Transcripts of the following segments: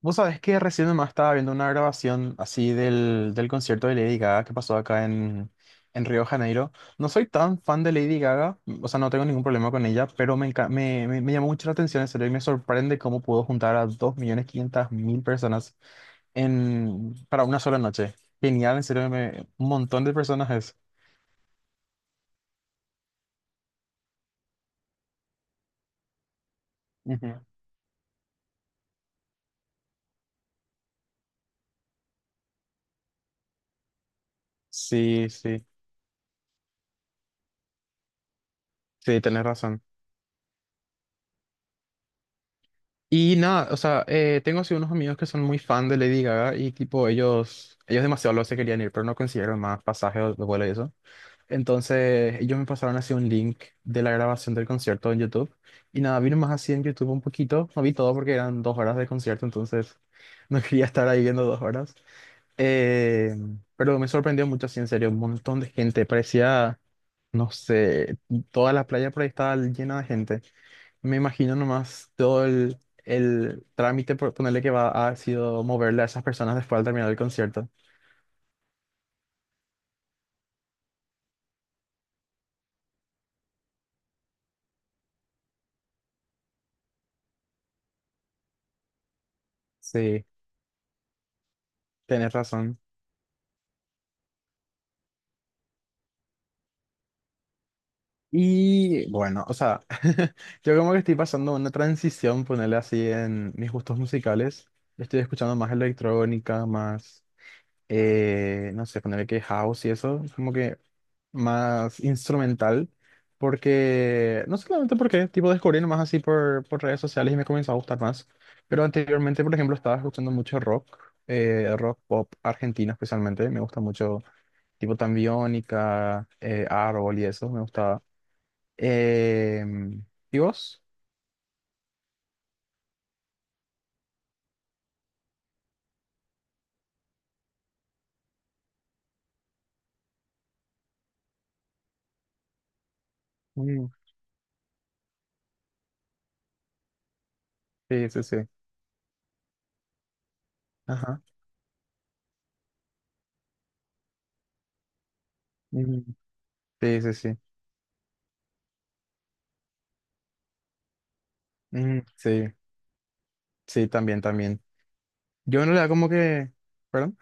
Vos sabés que recién nomás estaba viendo una grabación así del concierto de Lady Gaga que pasó acá en Río de Janeiro. No soy tan fan de Lady Gaga, o sea, no tengo ningún problema con ella, pero me, enca- me llamó mucho la atención en serio y me sorprende cómo pudo juntar a 2.500.000 personas en, para una sola noche. Genial, en serio, un montón de personas es. Ujú. Sí, sí, sí, tenés razón. Y nada, o sea, tengo así unos amigos que son muy fan de Lady Gaga y tipo ellos demasiado lo se querían ir, pero no consiguieron más pasajes de vuelo y eso. Entonces ellos me pasaron así un link de la grabación del concierto en YouTube y nada, vi más así en YouTube un poquito, no vi todo porque eran 2 horas de concierto, entonces no quería estar ahí viendo 2 horas. Eh, pero me sorprendió mucho así, en serio, un montón de gente, parecía, no sé, toda la playa por ahí estaba llena de gente. Me imagino nomás todo el trámite, por ponerle que va, ha sido moverle a esas personas después al terminar el concierto. Sí, tenés razón. Y bueno, o sea, yo como que estoy pasando una transición, ponerle así en mis gustos musicales. Estoy escuchando más electrónica, más no sé, ponerle que house y eso, es como que más instrumental, porque, no solamente porque, tipo, descubrí nomás así por redes sociales y me comenzó a gustar más, pero anteriormente, por ejemplo, estaba escuchando mucho rock, rock pop argentino especialmente, me gusta mucho, tipo, tambiónica Árbol y eso, me gustaba. Em, ¿Y vos? Mm, sí, sí, sí, ajá, mm, sí, sí, sí, mm, sí, sí, también, también. Yo no le da como que... ¿Perdón?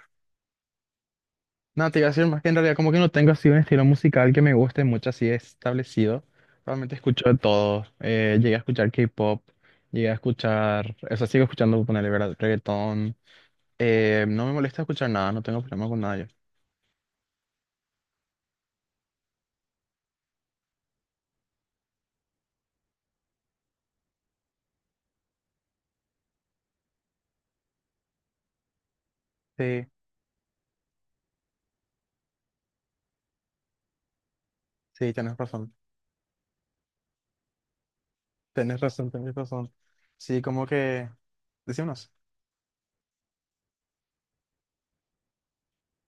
No, te iba a decir más que en realidad como que no tengo así un estilo musical que me guste mucho, así establecido. Realmente escucho de todo. Llegué a escuchar K-pop, llegué a escuchar, o sea, sigo escuchando, ponerle verdad, reggaetón. No me molesta escuchar nada, no tengo problema con nada yo. Sí, sí, tienes razón. Tienes razón, tienes razón. Sí, como que... Decímonos.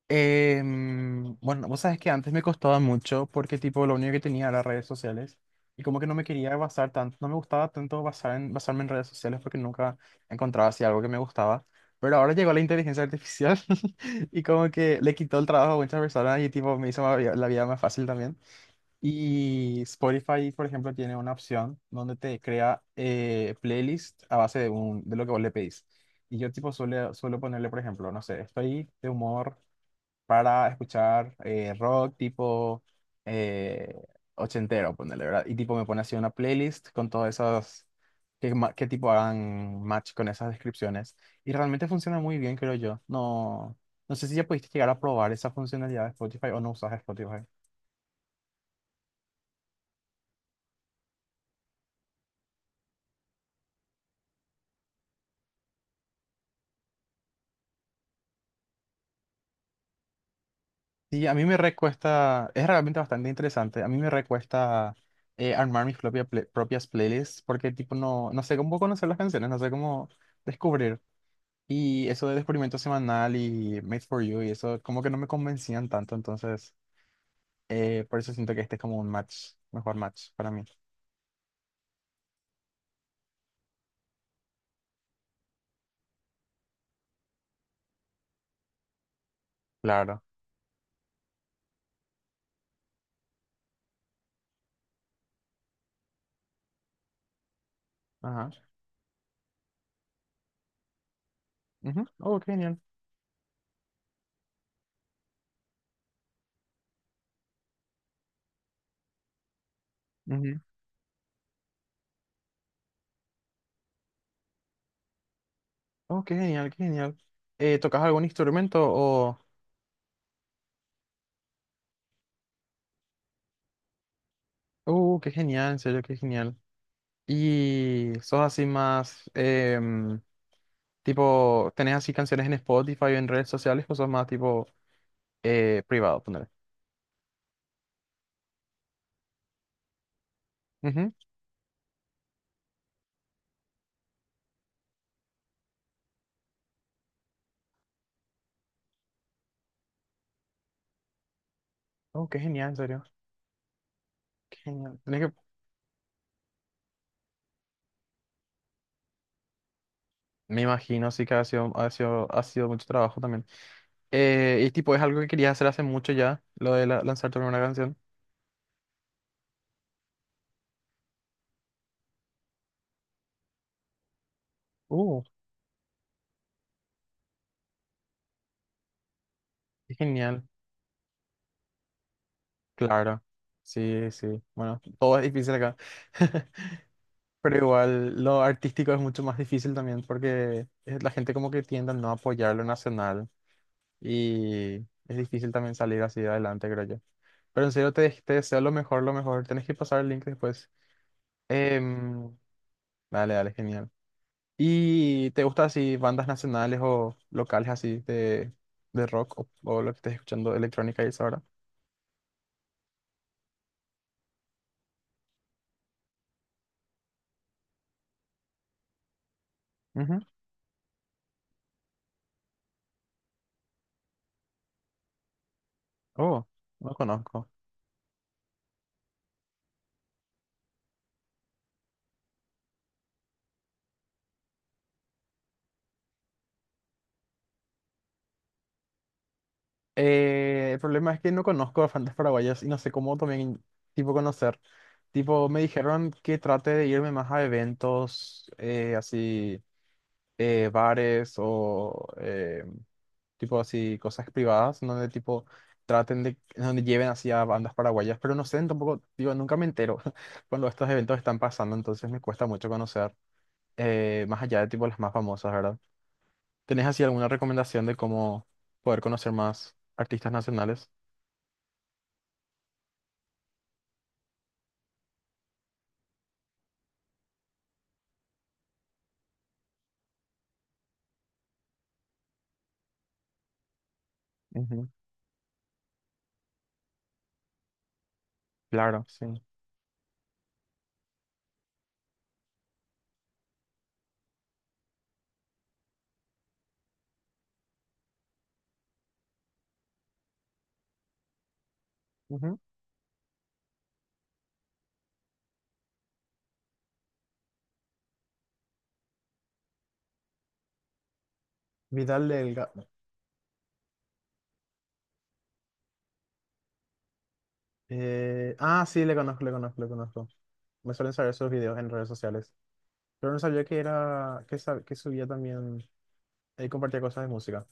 Bueno, vos sabes que antes me costaba mucho porque tipo lo único que tenía era redes sociales y como que no me quería basar tanto, no me gustaba tanto basar en, basarme en redes sociales porque nunca encontraba así algo que me gustaba. Pero ahora llegó la inteligencia artificial y como que le quitó el trabajo a muchas personas y tipo me hizo la vida más fácil también. Y Spotify, por ejemplo, tiene una opción donde te crea playlist a base de lo que vos le pedís. Y yo tipo suelo ponerle, por ejemplo, no sé, estoy de humor para escuchar rock tipo eh, ochentero, ponerle, ¿verdad? Y tipo me pone así una playlist con todas esas, que tipo hagan match con esas descripciones. Y realmente funciona muy bien, creo yo. No, no sé si ya pudiste llegar a probar esa funcionalidad de Spotify o no usas Spotify. Sí, a mí me recuesta, es realmente bastante interesante. A mí me recuesta armar propias playlists porque tipo no, no sé cómo conocer las canciones, no sé cómo descubrir. Y eso del experimento semanal y Made for You y eso como que no me convencían tanto, entonces por eso siento que este es como un match, mejor match para mí. Claro. Ajá. Ujú. Oh, qué genial. Ujú. Oh, qué genial, qué genial. ¿Tocas algún instrumento o...? Qué genial, en serio, qué genial. Y sos así más, tipo, ¿tenés así canciones en Spotify o en redes sociales o sos más tipo privado, poner Ujú. Oh, qué genial, en serio. Qué genial. Tenés que Me imagino, sí que ha sido, ha sido, ha sido mucho trabajo también. Y tipo, es algo que querías hacer hace mucho ya, lo de lanzar tu primera canción. Uh, qué genial. Claro. Sí, sí. Bueno, todo es difícil acá. Pero igual, lo artístico es mucho más difícil también porque la gente como que tiende a no apoyar lo nacional y es difícil también salir así de adelante, creo yo. Pero en serio, te deseo lo mejor, lo mejor. Tenés que pasar el link después. Em, Dale, dale, genial. ¿Y te gusta así bandas nacionales o locales así de rock o lo que estés escuchando electrónica y eso ahora? Ujú. Oh, no conozco. El problema es que no conozco a bandas paraguayas y no sé cómo también tipo conocer. Tipo, me dijeron que trate de irme más a eventos así, bares o tipo así cosas privadas donde tipo traten de, donde lleven así a bandas paraguayas, pero no sé, tampoco, digo, nunca me entero cuando estos eventos están pasando, entonces me cuesta mucho conocer, más allá de tipo las más famosas, ¿verdad? ¿Tenés así alguna recomendación de cómo poder conocer más artistas nacionales? Ujú, Claro, sí. ujú. Vidal Delgado. Sí, le conozco, le conozco, le conozco. Me suelen saber sus videos en redes sociales. Pero no sabía que era, que subía también, él compartía cosas de música.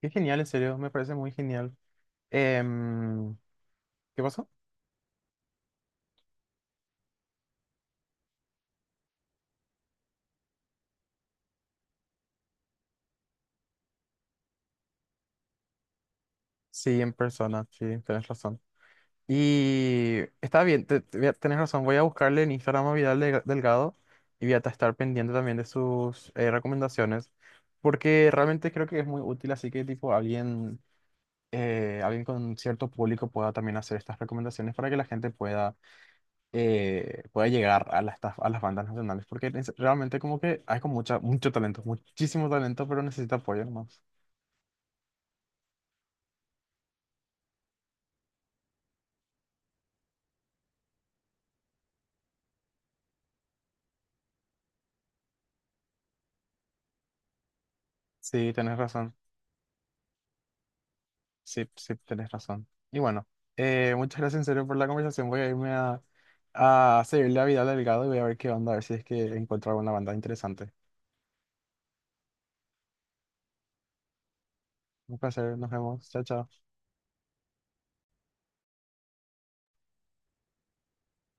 Qué genial, en serio, me parece muy genial. Em, ¿Qué pasó? Sí, en persona, sí, tenés razón. Y está bien, te voy tenés razón, voy a buscarle en Instagram a Delgado y voy estar pendiente también de sus recomendaciones, porque realmente creo que es muy útil, así que tipo alguien, alguien con cierto público pueda también hacer estas recomendaciones para que la gente pueda, pueda llegar a a las bandas nacionales, porque realmente como que hay con mucho talento, muchísimo talento, pero necesita apoyo nomás. Sí, tenés razón. Sí, sí, tenés razón. Y bueno, muchas gracias en serio por la conversación. Voy a irme a seguirle a Vidal Delgado y voy a ver qué onda, a ver si es que encuentro alguna banda interesante. Un placer, nos vemos. Chao, chao.